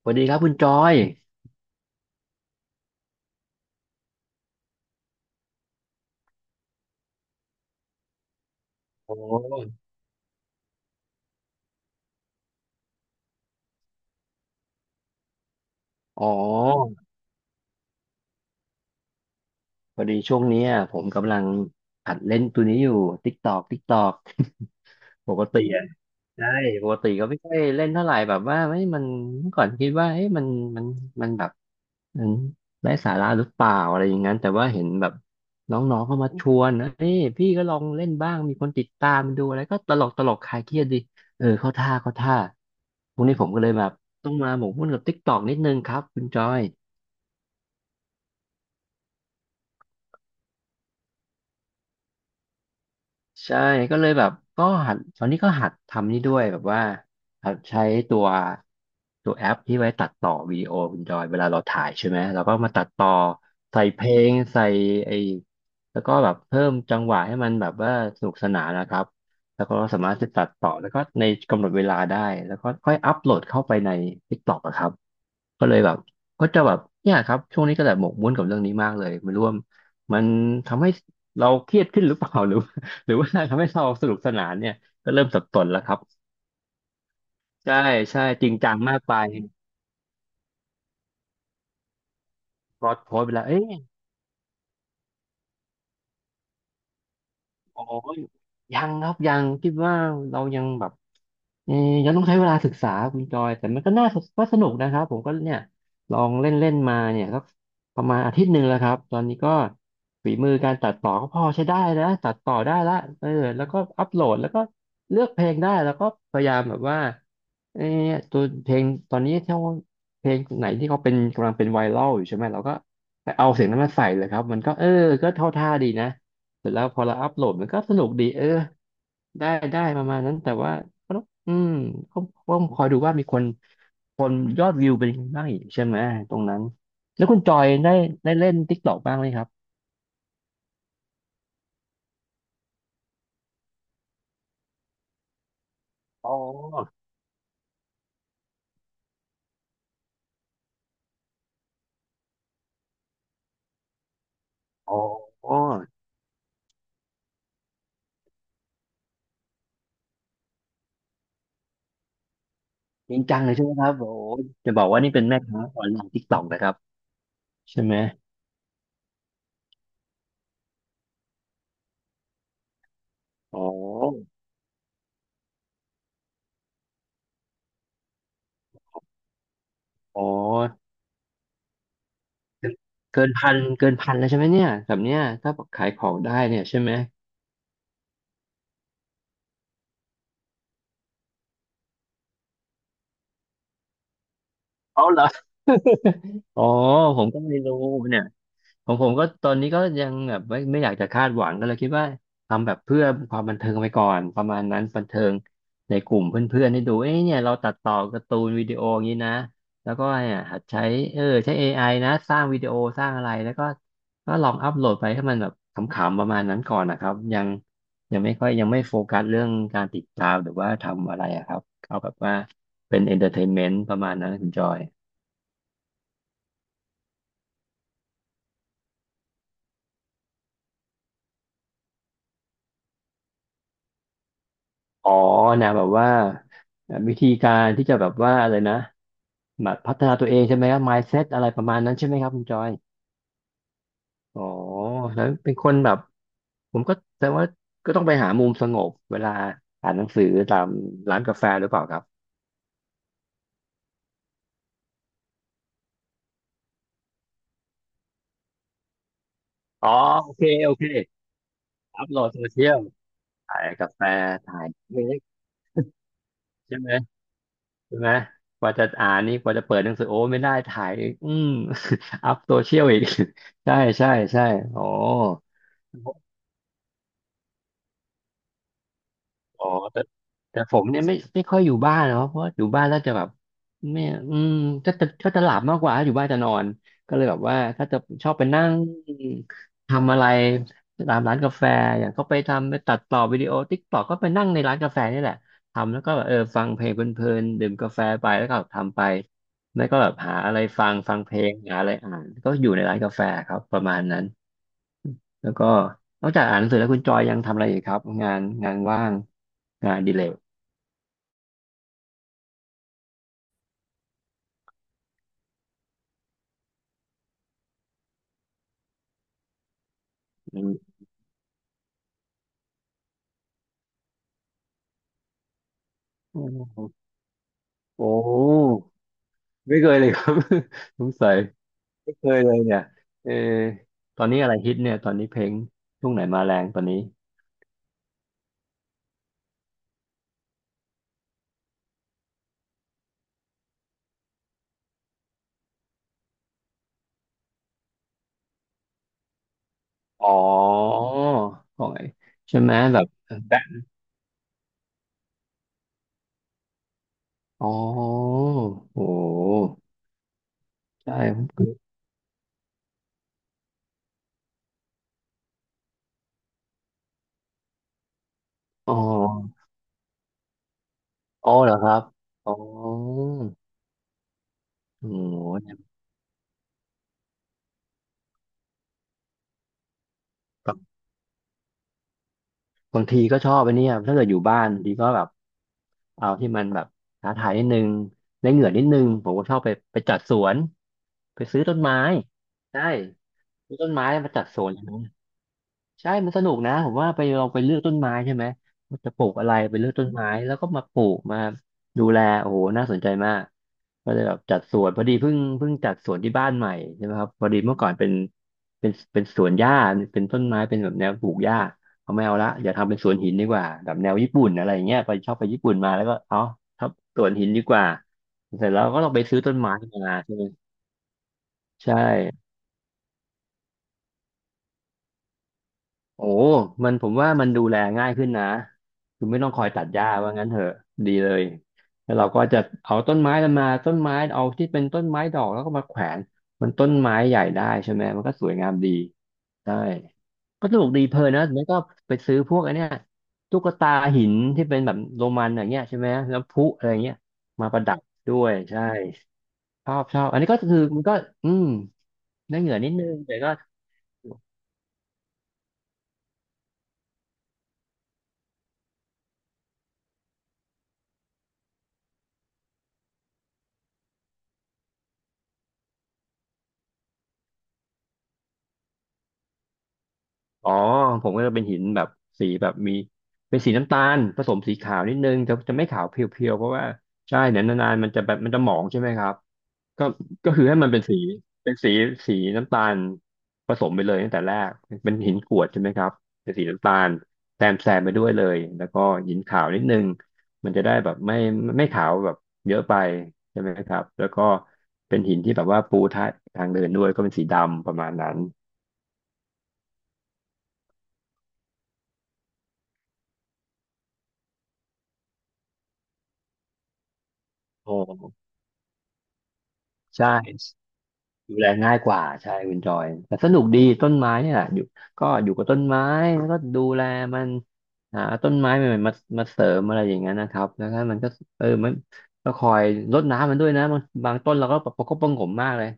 สวัสดีครับคุณจอยโอ้อ๋อพอดีช่วงเนี้ยผมกำลังหัดเล่นตัวนี้อยู่ ติ๊ กตอกติ๊กตอกปกติอะใช่ปกติก็ไม่ค่อยเล่นเท่าไหร่แบบว่าไม่มันเมื่อก่อนคิดว่าเฮ้ยมันมันแบบมันไร้สาระหรือเปล่าอะไรอย่างนั้น แต่ว่าเห็นแบบน้องๆเข้ามาชวนนะเฮ้ยพี่ก็ลองเล่นบ้าง มีคนติดตามดูอะไรก็ตลกตลกคลายเครียดดีเออเข้าท่าเข้าท่าพรุ่งนี้ผมก็เลยแบบต้องมาหมกมุ่นกับติ๊กตอกนิดนึงครับคุณจอย ใช่ก็เลยแบบก็หัดตอนนี้ก็หัดทำนี่ด้วยแบบว่าหัดใช้ตัวตัวแอปที่ไว้ตัดต่อวิดีโอคุณจอยเวลาเราถ่ายใช่ไหมเราก็มาตัดต่อใส่เพลงใส่ไอ้แล้วก็แบบเพิ่มจังหวะให้มันแบบว่าสนุกสนานนะครับแล้วก็สามารถจะตัดต่อแล้วก็ในกำหนดเวลาได้แล้วก็ค่อยอัพโหลดเข้าไปใน TikTok อะครับก็เลยแบบก็จะแบบเนี่ยครับช่วงนี้ก็แบบหมกมุ่นกับเรื่องนี้มากเลยไม่รู้ว่ามันทำให้เราเครียดขึ้นหรือเปล่า หรือ หรือว่าทำให้เราสนุกสนานเนี่ยก็เริ่มสับสนแล้วครับใช่ใช่จริงจังมากไปพลอดโพสไปแล้วเอ้ยโอ้ยยังครับยังคิดว่าเรายังแบบ เออยังต้องใช้เวลาศึกษาคุณจอย แต่มันก็น่าก็สนุกนะครับผมก็เนี่ยลองเล่นเล่นมาเนี่ยสักประมาณอาทิตย์หนึ่งแล้วครับ ตอนนี้ก็ฝีมือการตัดต่อก็พอใช้ได้แล้วตัดต่อได้ละเออแล้วก็อัปโหลดแล้วก็เลือกเพลงได้แล้วก็พยายามแบบว่าเออตัวเพลงตอนนี้ถ้าเพลงไหนที่เขาเป็นกำลังเป็นไวรัลอยู่ใช่ไหมเราก็ไปเอาเสียงนั้นมาใส่เลยครับ มันก็เออก็เท่าท่าดีนะเสร็จแล้วพอเราอัปโหลดมันก็สนุกดีเออได้ได้ประมาณนั้นแต่ว่า อืมก็คอยดูว่ามีคนยอดวิวเป็นยังไงบ้างอีกใช่ไหมตรงนั้นแล้วคุณจอยได้ได้เล่น t ิ k กต k อกบ้างไหมครับอ๋ออ๋อจริงจังเลยใช่ไหมครับโอ้โหจะบอกว่านี่เป็นแม่ค้าออนไลน์ติกตอกนะครับใช่ไหมอ๋ออ๋อเกินพันเกินพันแล้วใช่ไหมเนี่ยแบบเนี้ยถ้าขายของได้เนี่ยใช่ไหมเอาเหรออ๋อผมก็ไม่รู้เนี่ย ของผมก็ตอนนี้ก็ยังแบบไม่อยากจะคาดหวังก็เลยคิดว่าทำแบบเพื่อความบันเทิงไปก่อนประมาณนั้นบันเทิงในกลุ่มเพื่อนๆให้ดูเอ้ยเนี่ยเราตัดต่อการ์ตูนวิดีโออย่างนี้นะแล้วก็เนี่ยหัดใช้ใช้ AI นะสร้างวิดีโอสร้างอะไรแล้วก็ลองอัพโหลดไปให้มันแบบขำๆประมาณนั้นก่อนนะครับยังไม่ค่อยยังไม่โฟกัสเรื่องการติดตามหรือว่าทำอะไรอะครับเอาแบบว่าเป็นเอนเตอร์เทนเมนต์ประมาณนั้นคุณจอย อ๋อนะแบบว่าวิธีการที่จะแบบว่าอะไรนะแบบพัฒนาตัวเองใช่ไหมครับ mindset อะไรประมาณนั้นใช่ไหมครับคุณจอยอ๋อแล้วเป็นคนแบบผมก็แต่ว่าก็ต้องไปหามุมสงบเวลาอ่านหนังสือตามร้านกาแฟหรือเปล่าครับอ๋อโอเคโอเคอัพโหลดโซเชียลถ่ายกาแฟถ่ายเค้กใช่ไหมใช่ไหมกว่าจะอ่านนี่กว่าจะเปิดหนังสือโอ้ไม่ได้ถ่ายอีก อัพโซเชียลอีก ใช่ใช่ใช่อ๋อ อ๋อแต่แต่ผมเนี่ยไม่ค่อยอยู่บ้านเนาะเพราะอยู่บ้านแล้วจะแบบไม่อืมก็จะก็จะหลับมากกว่าอยู่บ้านจะนอนก็เลยแบบว่าถ้าจะชอบไปนั่งทำอะไรตามร้านกาแฟอย่างก็ไปทำไปตัดต่อวิดีโอติ๊กต็อกก็ไปนั่งในร้านกาแฟนี่แหละทำแล้วก็แบบเออฟังเพลงเพลินๆดื่มกาแฟไปแล้วก็ทำไปแล้วก็แบบหาอะไรฟังเพลงหาอะไรอ่านก็อยู่ในร้านกาแฟครับประมาณนั้น แล้วก็นอกจากอ่านหนังสือแล้วคุณจอยยังทำอะไรอีกครับงานว่างงานอดิเลกโอ้โหไม่เคยเลยครับ สงสัยไม่เคยเลยเนี่ยเออตอนนี้อะไรฮิตเนี่ยตอนนี้เพลงช่วงไหนมาแรงตอนนี้อ๋อของไอ้ใช่ไหมแบบแบ็คอ๋อโอ้โหใช่ผมเคยอ๋ออ๋อเหรอครับอ๋อโอ้โห บางทีก็ชอบไปเนี่ยถ้าเกิดอยู่บ้านบางทีก็แบบเอาที่มันแบบท้าทายนิดนึงได้เหงื่อนิดนึง ผมก็ชอบไปจัดสวนไปซื้อต้นไม้ใช่ซื้อต้นไม้มาจัดสวน ใช่มันสนุกนะผมว่าไปลองไปเลือกต้นไม้ใช่ไหมว่าจะปลูกอะไรไปเลือกต้นไม้แล้วก็มาปลูกมาดูแลโอ้โหน่าสนใจมากก็เลยแบบจัดสวนพอดีเพิ่งจัดสวนที่บ้านใหม่ใช่ไหมครับพอดีเมื่อก่อนเป็นสวนหญ้าเป็นต้นไม้เป็นแบบแนวปลูกหญ้าเอาไม่เอาละอย่าทำเป็นสวนหินดีกว่าแบบแนวญี่ปุ่นอะไรอย่างเงี้ยไปชอบไปญี่ปุ่นมาแล้วก็เอาทับสวนหินดีกว่าเสร็จแล้วก็ต้องไปซื้อต้นไม้มาใช่ไหมใช่ โอ้มันผมว่ามันดูแลง่ายขึ้นนะคือไม่ต้องคอยตัดหญ้าว่างั้นเถอะดีเลยแล้วเราก็จะเอาต้นไม้มันมาต้นไม้เอาที่เป็นต้นไม้ดอกแล้วก็มาแขวนมันต้นไม้ใหญ่ได้ใช่ไหมมันก็สวยงามดีใช่ก็สนุกดีเพลินนะแล้วก็ไปซื้อพวกไอ้เนี่ยตุ๊กตาหินที่เป็นแบบโรมันอย่างเงี้ยใช่ไหมแล้วพลุอะไรเงี้ยมาประดับด้วยใช่ชอบอันนี้ก็คือมันก็อืมได้เหงื่อนิดนึงแต่ก็ อ๋อผมก็จะเป็นหินแบบสีแบบมีเป็นสีน้ำตาลผสมสีขาวนิดนึงจะไม่ขาวเพียวๆเพราะว่าใช่เนี่ยวนานๆมันจะแบบมันจะหมองใช่ไหมครับก็ก็คือให้มันเป็นสีเป็นสีน้ำตาลผสมไปเลยตั้งแต่แรกเป็นหินกรวดใช่ไหมครับเป็นสีน้ำตาลแซมไปด้วยเลยแล้วก็หินขาวนิดนึงมันจะได้แบบไม่ขาวแบบเยอะไปใช่ไหมครับแล้วก็เป็นหินที่แบบว่าปูทะทางเดินด้วยก็เป็นสีดำประมาณนั้นโอ้ใช่ ดูแลง่ายกว่าใช่คุณจอยแต่สนุกดีต้นไม้เนี่ยอยู่ก็อยู่กับต้นไม้แล้วก็ดูแลมันหาต้นไม้ใหม่ๆมามาเสริมอะไรอย่างเงี้ยนะครับแล้วถ้มันก็เออมันก็คอยรดน้ำมันด้วยนะบางต้นเราก็ประคบประหงมมากเลย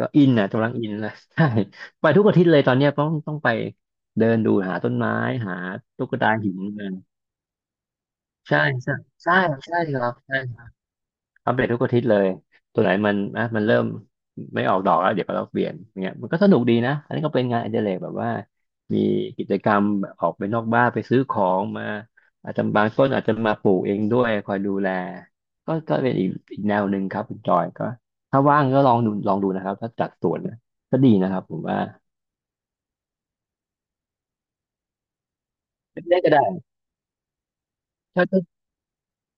ก็อินอ่ะกำลังอินเลย ใช่ไปทุกอาทิตย์เลยตอนเนี้ยต้องไปเดินดูหาต้นไม้หาตุ๊กตาหินกันใช่ใช่ใช่ใช่ครับ อัปเดตทุกอาทิตย์เลยตัวไหนมันอ่ะมันเริ่มไม่ออกดอกแล้วเดี๋ยวก็เราเปลี่ยนอย่างเงี้ยมันก็สนุกดีนะอันนี้ก็เป็นงานอดิเรกแบบว่ามีกิจกรรมแบบออกไปนอกบ้านไปซื้อของมาอาจจะบางต้นอาจจะมาปลูกเองด้วยคอยดูแลก็ก็เป็นอีกแนวหนึ่งครับคุณจอยก็ถ้าว่างก็ลองดูลองดูนะครับถ้าจัดสวนนะก็ดีนะครับผมว่าเล่นๆก็ได้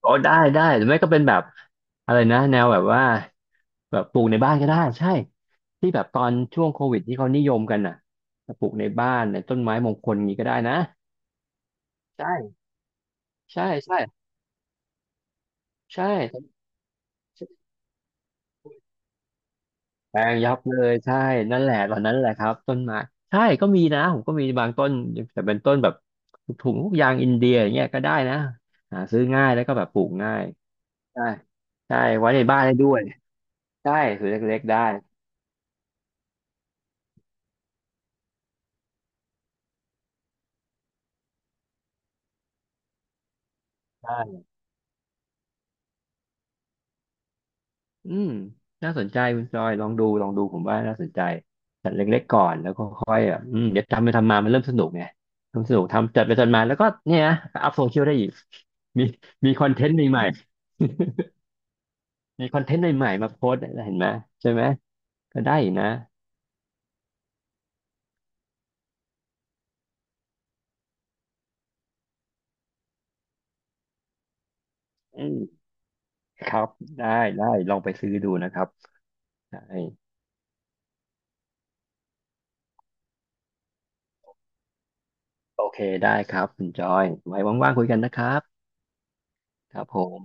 อ๋อได้ได้หรือไม่ก็เป็นแบบอะไรนะแนวแบบว่าแบบปลูกในบ้านก็ได้ใช่ที่แบบตอนช่วงโควิดที่เขานิยมกันน่ะปลูกในบ้านในต้นไม้มงคลนี้ก็ได้นะใช่ใช่ใช่ใช่แปลงยับเลยใช่นั่นแหละตอนนั้นแหละครับต้นไม้ใช่ก็มีนะผมก็มีบางต้นแต่เป็นต้นแบบถุงพวกยางอินเดียอย่างเงี้ยก็ได้นะหาซื้อง่ายแล้วก็แบบปลูกง่ายใช่ใช่ไว้ในบ้านได้ด้วยใช่ถือเล็กๆได้ อืมน่าสนใจคุณจอยลองดูลองดูผมว่าน่าสนใจจัดเล็กๆก่อนแล้วก็ค่อยแบบอืมเดี๋ยวทำไปทำมามันเริ่มสนุกไงเริ่มสนุกทำจัดไปจัดมาแล้วก็เนี่ยนะอัพโซเชียลได้อีกมีมีคอนเทนต์ใหม่ๆมีคอนเทนต์ใหม่ๆมาโพสต์เห็นไหมใช่ไหมก็ได้นะอืมครับได้ได้ลองไปซื้อดูนะครับได้โอเคได้ครับคุณจอยไว้ว่างๆคุยกันนะครับครับผม